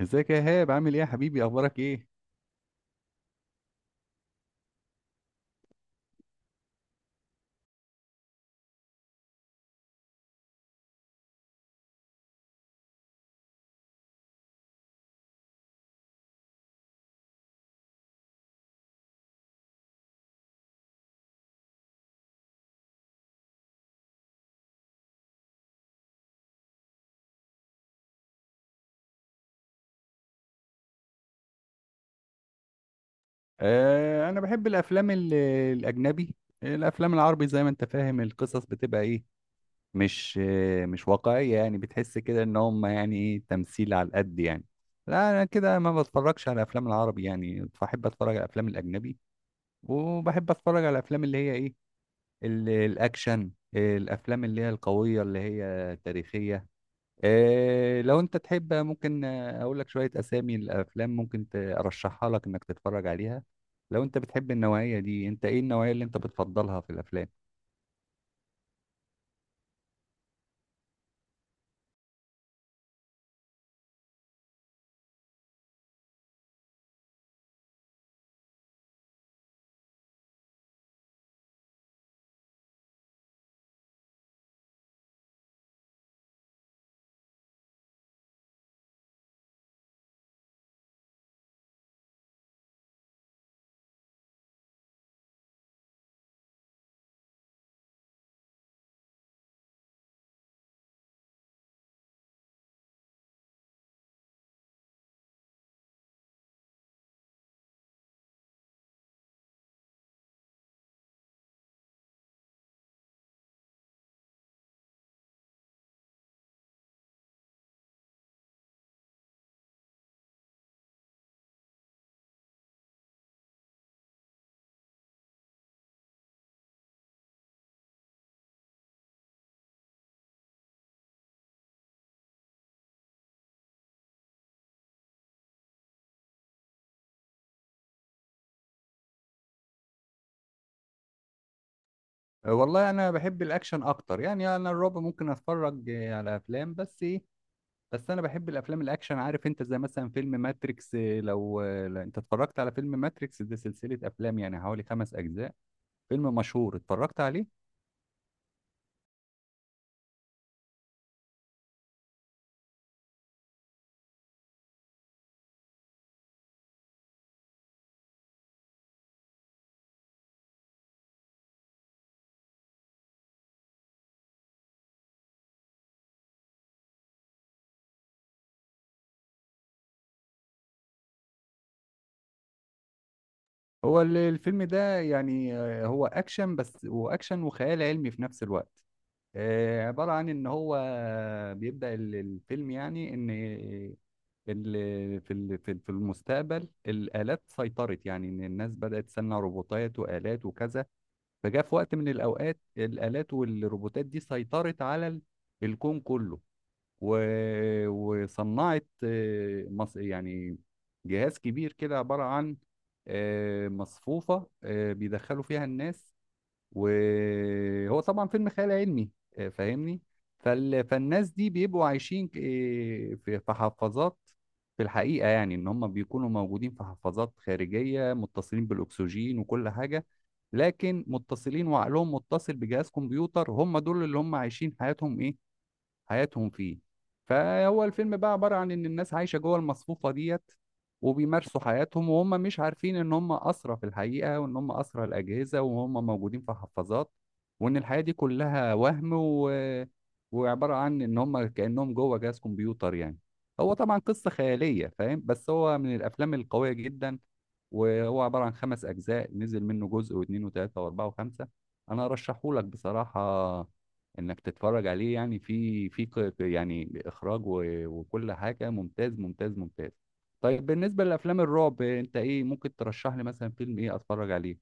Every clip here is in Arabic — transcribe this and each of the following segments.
ازيك يا هاب؟ عامل ايه يا حبيبي؟ اخبارك ايه؟ انا بحب الافلام الاجنبي. الافلام العربي، زي ما انت فاهم، القصص بتبقى ايه؟ مش واقعية، يعني بتحس كده ان هم، يعني ايه، تمثيل على القد يعني. لا، انا كده ما بتفرجش على الافلام العربي، يعني بحب اتفرج على الافلام الاجنبي. وبحب اتفرج على الافلام اللي هي ايه، الاكشن. الافلام اللي هي القوية اللي هي تاريخية. لو انت تحب ممكن اقول لك شوية اسامي الافلام ممكن ارشحها لك انك تتفرج عليها. لو انت بتحب النوعية دي، انت ايه النوعية اللي انت بتفضلها في الافلام؟ والله انا بحب الاكشن اكتر، يعني انا الرعب ممكن اتفرج على افلام، بس ايه؟ بس انا بحب الافلام الاكشن. عارف انت زي مثلا فيلم ماتريكس؟ لو انت اتفرجت على فيلم ماتريكس، ده سلسلة افلام يعني حوالي 5 اجزاء. فيلم مشهور، اتفرجت عليه؟ هو الفيلم ده يعني، هو اكشن، بس واكشن وخيال علمي في نفس الوقت. عبارة عن إن هو بيبدأ الفيلم، يعني إن في ال- في في المستقبل الآلات سيطرت، يعني إن الناس بدأت تصنع روبوتات وآلات وكذا. فجاء في وقت من الأوقات الآلات والروبوتات دي سيطرت على الكون كله. وصنعت يعني جهاز كبير كده، عبارة عن مصفوفة، بيدخلوا فيها الناس. وهو طبعا فيلم خيال علمي، فاهمني؟ فالناس دي بيبقوا عايشين في حفاظات. في الحقيقة، يعني ان هم بيكونوا موجودين في حفاظات خارجية متصلين بالاكسجين وكل حاجة، لكن متصلين وعقلهم متصل بجهاز كمبيوتر، هم دول اللي هم عايشين حياتهم ايه، حياتهم فيه. فهو الفيلم بقى عبارة عن إن الناس عايشة جوه المصفوفة ديت، وبيمارسوا حياتهم وهم مش عارفين إن هم أسرى في الحقيقة، وإن هم أسرى الأجهزة وهم موجودين في حفاظات، وإن الحياة دي كلها وهم وعبارة عن إن هم كأنهم جوه جهاز كمبيوتر يعني. هو طبعا قصة خيالية، فاهم؟ بس هو من الأفلام القوية جدا. وهو عبارة عن 5 أجزاء، نزل منه جزء واثنين وثلاثة وأربعة وخمسة. أنا أرشحهولك بصراحة انك تتفرج عليه. يعني في يعني اخراج وكل حاجه، ممتاز ممتاز ممتاز. طيب بالنسبه لافلام الرعب، انت ايه ممكن ترشح لي مثلا؟ فيلم ايه اتفرج عليه؟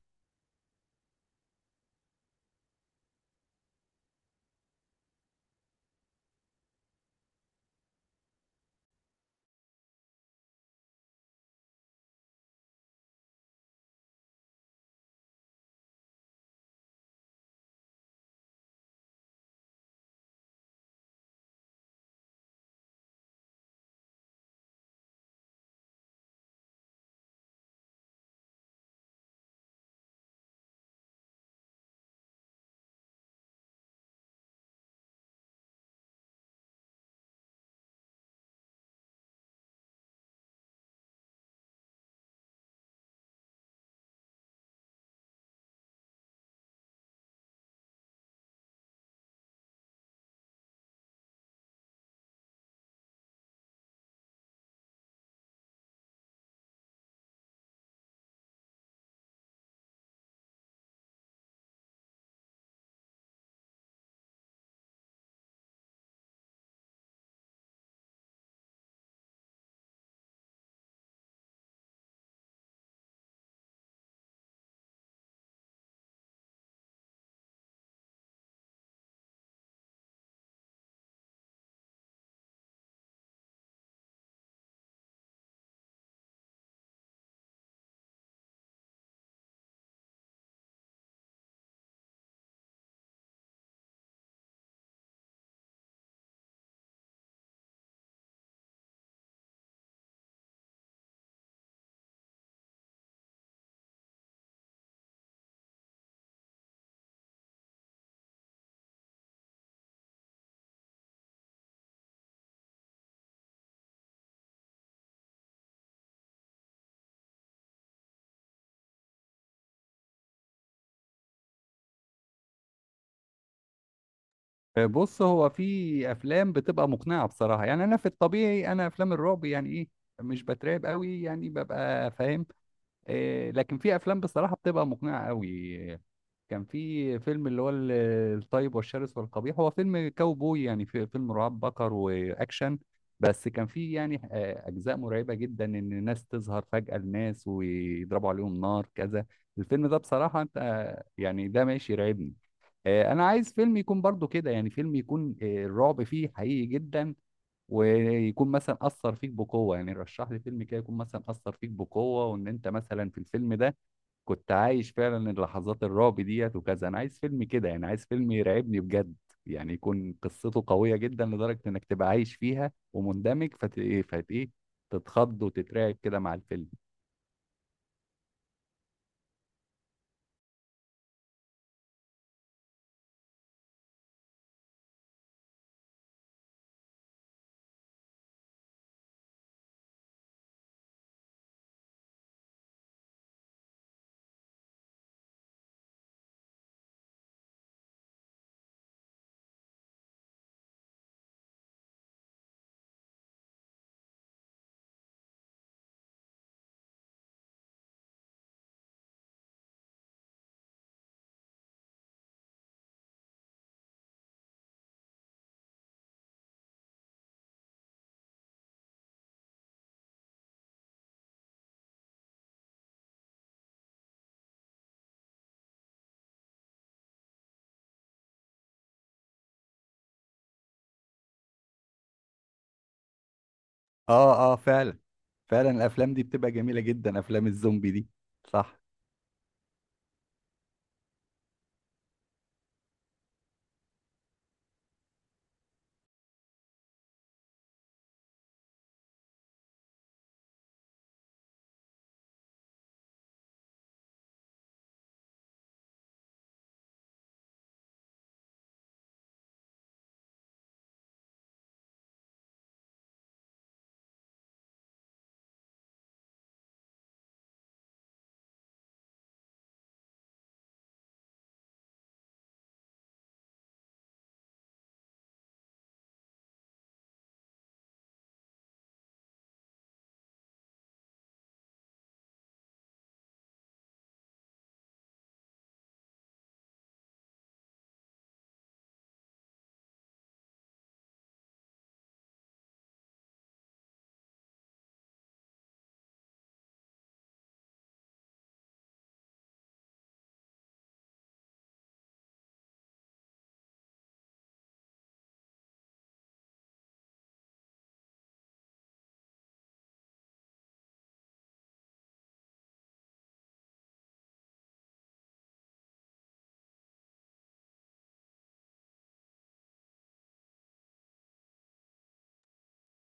بص، هو في افلام بتبقى مقنعه بصراحه، يعني انا في الطبيعي انا افلام الرعب يعني ايه، مش بترعب قوي يعني، ببقى فاهم. إيه، لكن في افلام بصراحه بتبقى مقنعه قوي. كان في فيلم اللي هو الطيب والشرس والقبيح، هو فيلم كاوبوي يعني، في فيلم رعاة بقر واكشن. بس كان في يعني اجزاء مرعبه جدا، ان الناس تظهر فجاه لناس ويضربوا عليهم نار كذا. الفيلم ده بصراحه انت يعني ده ماشي يرعبني. انا عايز فيلم يكون برضو كده، يعني فيلم يكون الرعب فيه حقيقي جدا، ويكون مثلا اثر فيك بقوه، يعني رشح لي فيلم كده يكون مثلا اثر فيك بقوه، وان انت مثلا في الفيلم ده كنت عايش فعلا اللحظات الرعب ديت وكذا. انا عايز فيلم كده يعني، عايز فيلم يرعبني بجد، يعني يكون قصته قوية جدا لدرجة انك تبقى عايش فيها ومندمج فت ايه تتخض وتترعب كده مع الفيلم. اه، اه، فعلا فعلا الافلام دي بتبقى جميله جدا، افلام الزومبي دي، صح.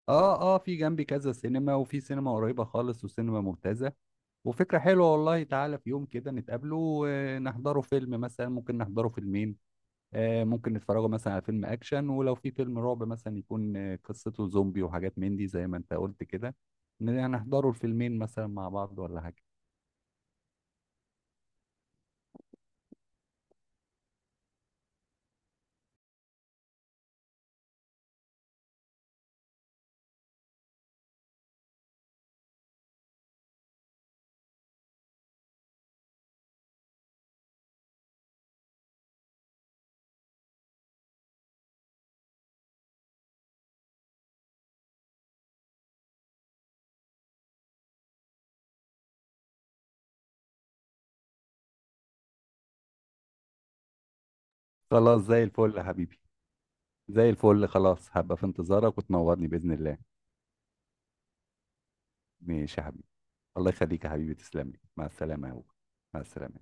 اه، اه، في جنبي كذا سينما، وفي سينما قريبه خالص وسينما ممتازه. وفكره حلوه والله، تعالى في يوم كده نتقابله ونحضره فيلم، مثلا ممكن نحضره فيلمين. ممكن نتفرجوا مثلا على فيلم اكشن، ولو في فيلم رعب مثلا يكون قصته زومبي وحاجات من دي زي ما انت قلت كده. نحضروا الفيلمين مثلا مع بعض ولا حاجة؟ خلاص زي الفل يا حبيبي، زي الفل، خلاص هبقى في انتظارك وتنورني بإذن الله. ماشي يا حبيبي، الله يخليك يا حبيبي، تسلم لي، مع السلامة يا هو. مع السلامة.